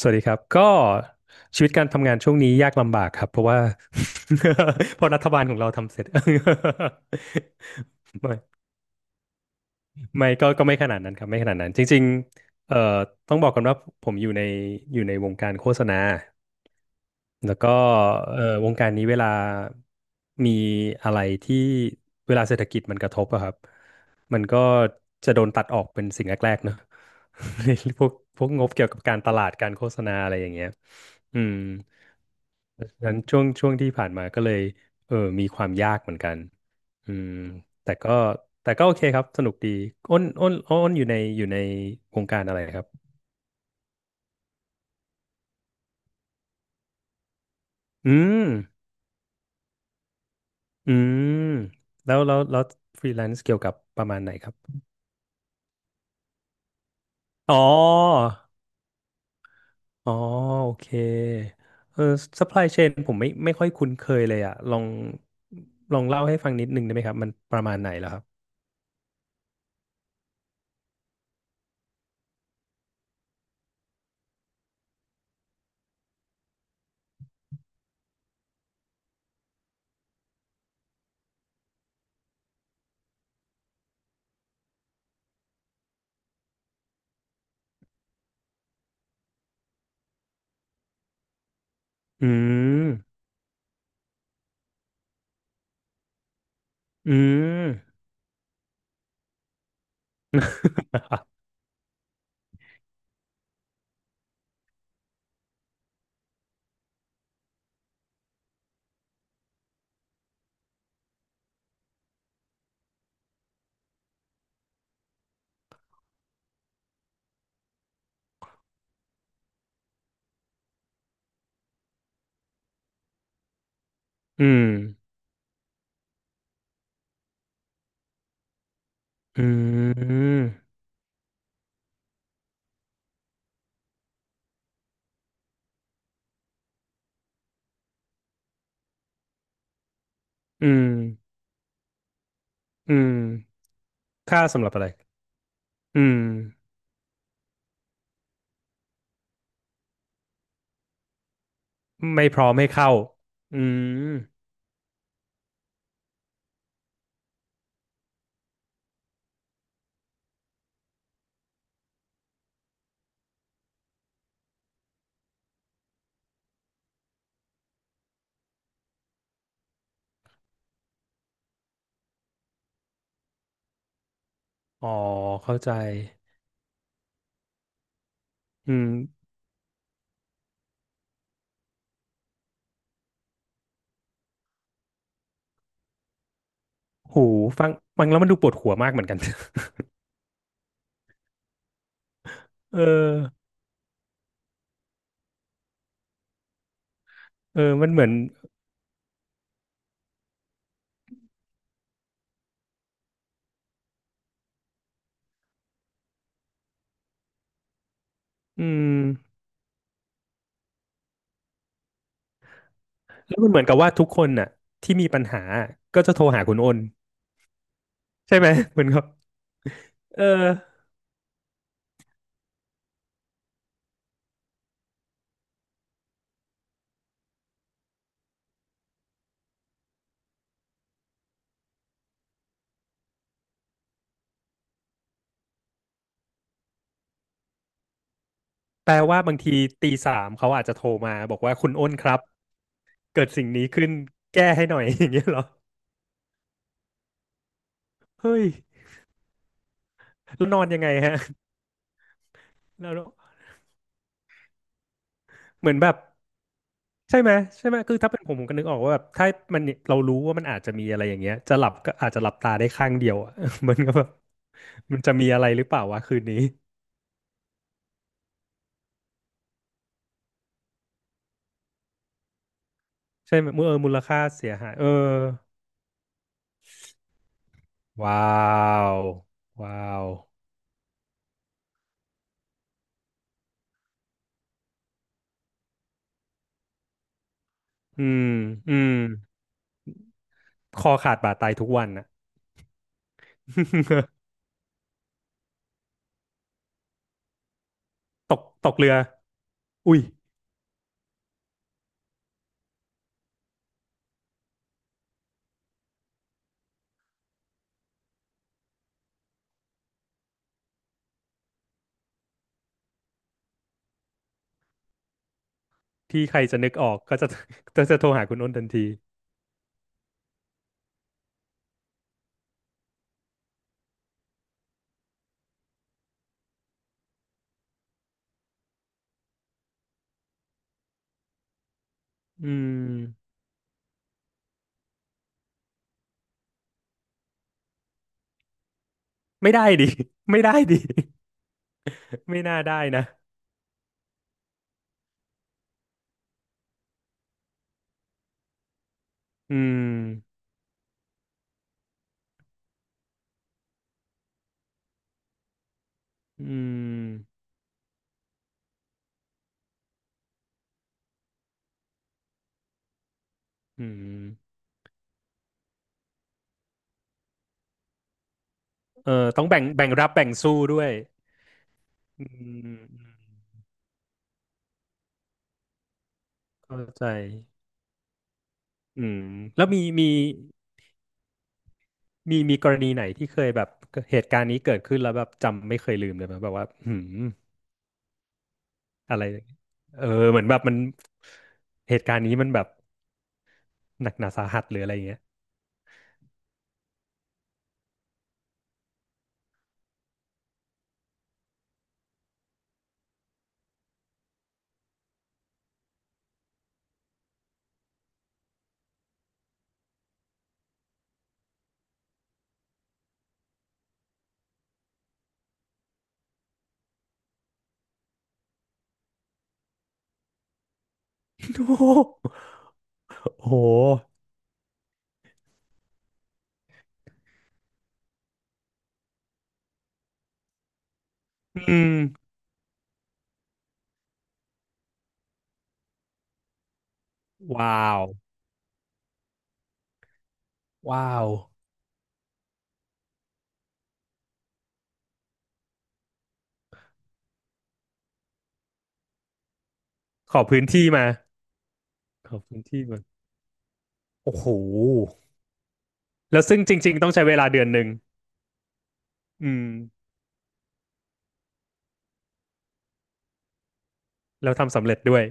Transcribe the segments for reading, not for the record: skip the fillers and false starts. สวัสดีครับก็ชีวิตการทำงานช่วงนี้ยากลำบากครับเพราะว่า เพราะรัฐบาลของเราทำเสร็จ ไม่ไม่ก็ไม่ขนาดนั้นครับไม่ขนาดนั้นจริงๆต้องบอกกันว่าผมอยู่ในวงการโฆษณา แล้วก็วงการนี้เวลามีอะไรที่เวลาเศรษฐกิจมันกระทบอะครับมันก็จะโดนตัดออกเป็นสิ่งแรกๆเนอะ ในพวกงบเกี่ยวกับการตลาดการโฆษณาอะไรอย่างเงี้ยอืมดังนั้นช่วงที่ผ่านมาก็เลยเออมีความยากเหมือนกันอืมแต่ก็โอเคครับสนุกดีอ้นอยู่ในวงการอะไรครับอืม อืมแล้วฟรีแลนซ์เกี่ยวกับประมาณไหนครับอ๋ออ๋อโอเคเออซัพพลายเชนผมไม่ค่อยคุ้นเคยเลยอ่ะลองเล่าให้ฟังนิดนึงได้ไหมครับมันประมาณไหนแล้วครับอืมอืมอืมอืมอืมอืมค่าสำหรับอะไรอืมไม่พร้อมให้เข้าอืมอ๋อเข้าใจอืมหูฟังฟังแล้วมันดูปวดหัวมากเหมือนกัน เออ เออมันเหมือนอืมแล้วมันเหมือนกับว่าทุกคนน่ะที่มีปัญหาก็จะโทรหาคุณอ้นใช่ไหม เหมือนกับเออแปลว่าบางทีตีสามเขาอาจจะโทรมาบอกว่าคุณอ้นครับเกิดสิ่งนี้ขึ้นแก้ให้หน่อย อย่างเงี้ยเหรอเฮ้ยแล้วนอนยังไงฮะแล้วเหมือนแบบใช่ไหมใช่ไหมคือถ้าเป็นผมผมก็นึกออกว่าแบบถ้ามันเรารู้ว่ามันอาจจะมีอะไรอย่างเงี้ยจะหลับก็อาจจะหลับตาได้ข้างเดียวอะ มันก็แบบมันจะมีอะไรหรือเปล่าวะคืนนี้ใช่ไหมเมื่อเออมูลค่าเสียหายเออ ว้าวว้าว อืมอืมคอขาดบาดตายทุกวันน่ะ ตกเรืออุ้ยที่ใครจะนึกออกก็จะ จะโทรหาคุณอ้นทันทีอืมไม่ได้ดิ ไม่ได้ดิ ไม่น่าได้นะ อืมอืมอืมเออต้องแบ่งรับแบ่งสู้ด้วย อืมอืมเข้าใจ อืมแล้วมีกรณีไหนที่เคยแบบเหตุการณ์นี้เกิดขึ้นแล้วแบบจำไม่เคยลืมเลยไหมแบบว่าหืมอะไรเออเหมือนแบบมันเหตุการณ์นี้มันแบบหนักหนาสาหัสหรืออะไรอย่างเงี้ยโอ้โห โอ้โหอืมว้าวว้าวขอพื้นที่มาขอพื้นที่มาโอ้โหแล้วซึ่งจริงๆต้องใช้เวลาเดือนหนึ่งอืมแล้วทำสำเร็จด้วย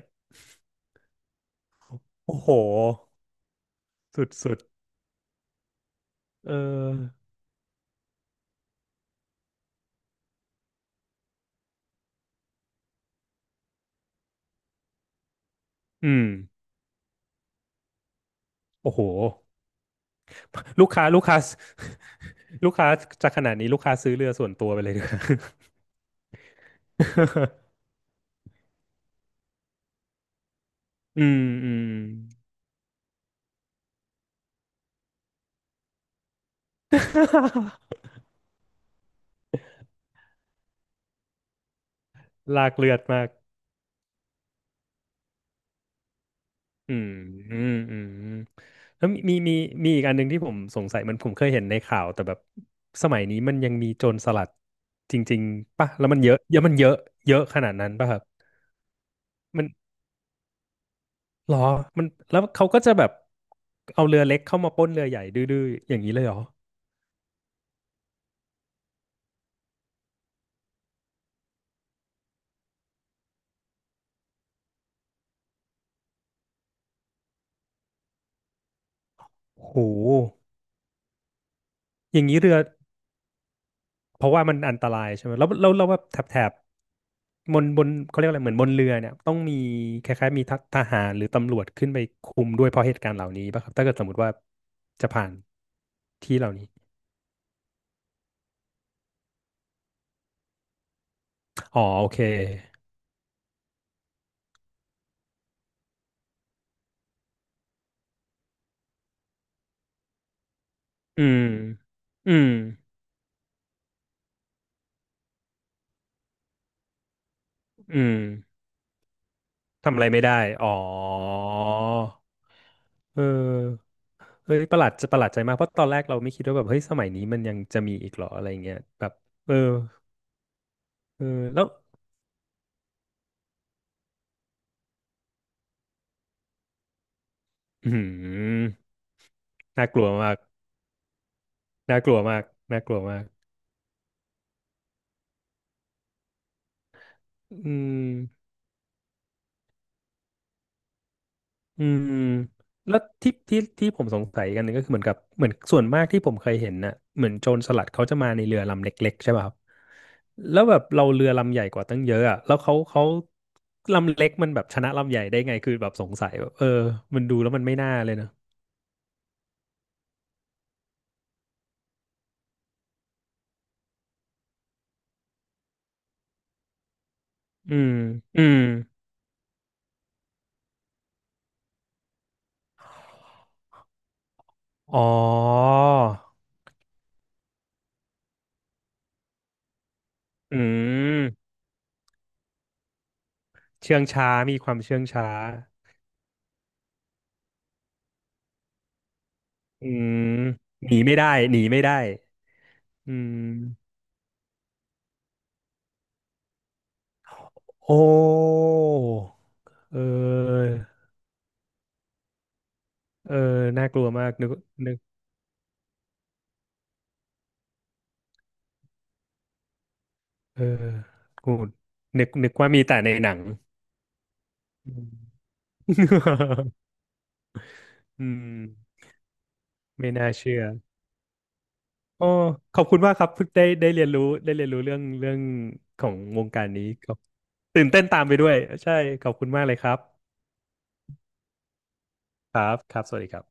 โอ้โหสุดๆเอออืมโอ้โห ลูกค้าลูกค้า ลูกค้าจะขนาดนี้ลูกค้าซื้อเรือส่วนตัวไปเลย ดีกว่า อืมอืม ลากเลือดมากอืมอืมอืมแล้วมีอีกอันหนึ่งที่ผมสงสัยมันผมเคยเห็นในข่าวแต่แบบสมัยนี้มันยังมีโจรสลัดจริงๆป่ะแล้วมันเยอะเยอะมันเยอะเยอะขนาดนั้นป่ะครับมันหรอมันแล้วเขาก็จะแบบเอาเรือเล็กเข้ามาปล้นเรือใหญ่ดื้อๆอย่างนี้เลยเหรอโหอย่างนี้เรือ เพราะว่ามันอันตรายใช่ไหมแล้วแบบแถบบนเขาเรียกอะไรเหมือนบนเรือเนี่ยต้องมีคล้ายๆมีททหารหรือตำรวจขึ้นไปคุมด้วยเพราะเหตุการณ์เหล่านี้ป่ะครับถ้าเกิดสมมติว่าจะผ่านที่เหล่านี้อ๋อโอเคอืมอืมอืมทำอะไรไม่ได้อ๋อเออเฮ้ยประหลาดจะประหลาดใจมากเพราะตอนแรกเราไม่คิดว่าแบบเฮ้ยสมัยนี้มันยังจะมีอีกเหรออะไรเงี้ยแบบเออเออแล้วอืมน่ากลัวมาก น่ากลัวมากน่ากลัวมากอืมอืมแล้วที่ผมสงสัยกันหนึงก็คือเหมือนกับเหมือนส่วนมากที่ผมเคยเห็นน่ะ เหมือนโจรสลัดเขาจะมาในเรือลำเล็กๆใช่ป่ะครับแล้วแบบเราเรือลำใหญ่กว่าตั้งเยอะอ่ะ แล้วเขาลำเล็กมันแบบชนะลำใหญ่ได้ไงคือแบบสงสัยแบบเออมันดูแล้วมันไม่น่าเลยนะอืมอืมอ๋ออืมเชื่องช้ามีความเชื่องช้าอืมหนีไม่ได้หนีไม่ได้อืม โอ้เออเออน่ากลัวมากนึกเออกูนึกว่ามีแต่ในหนัง อืม อืมไม่น่าเชื่อโอ้ขอบคุณมากครับได้เรียนรู้ได้เรียนรู้เรื่องของวงการนี้ครับตื่นเต้นตามไปด้วยใช่ขอบคุณมากเลยครับครับครับสวัสดีครับ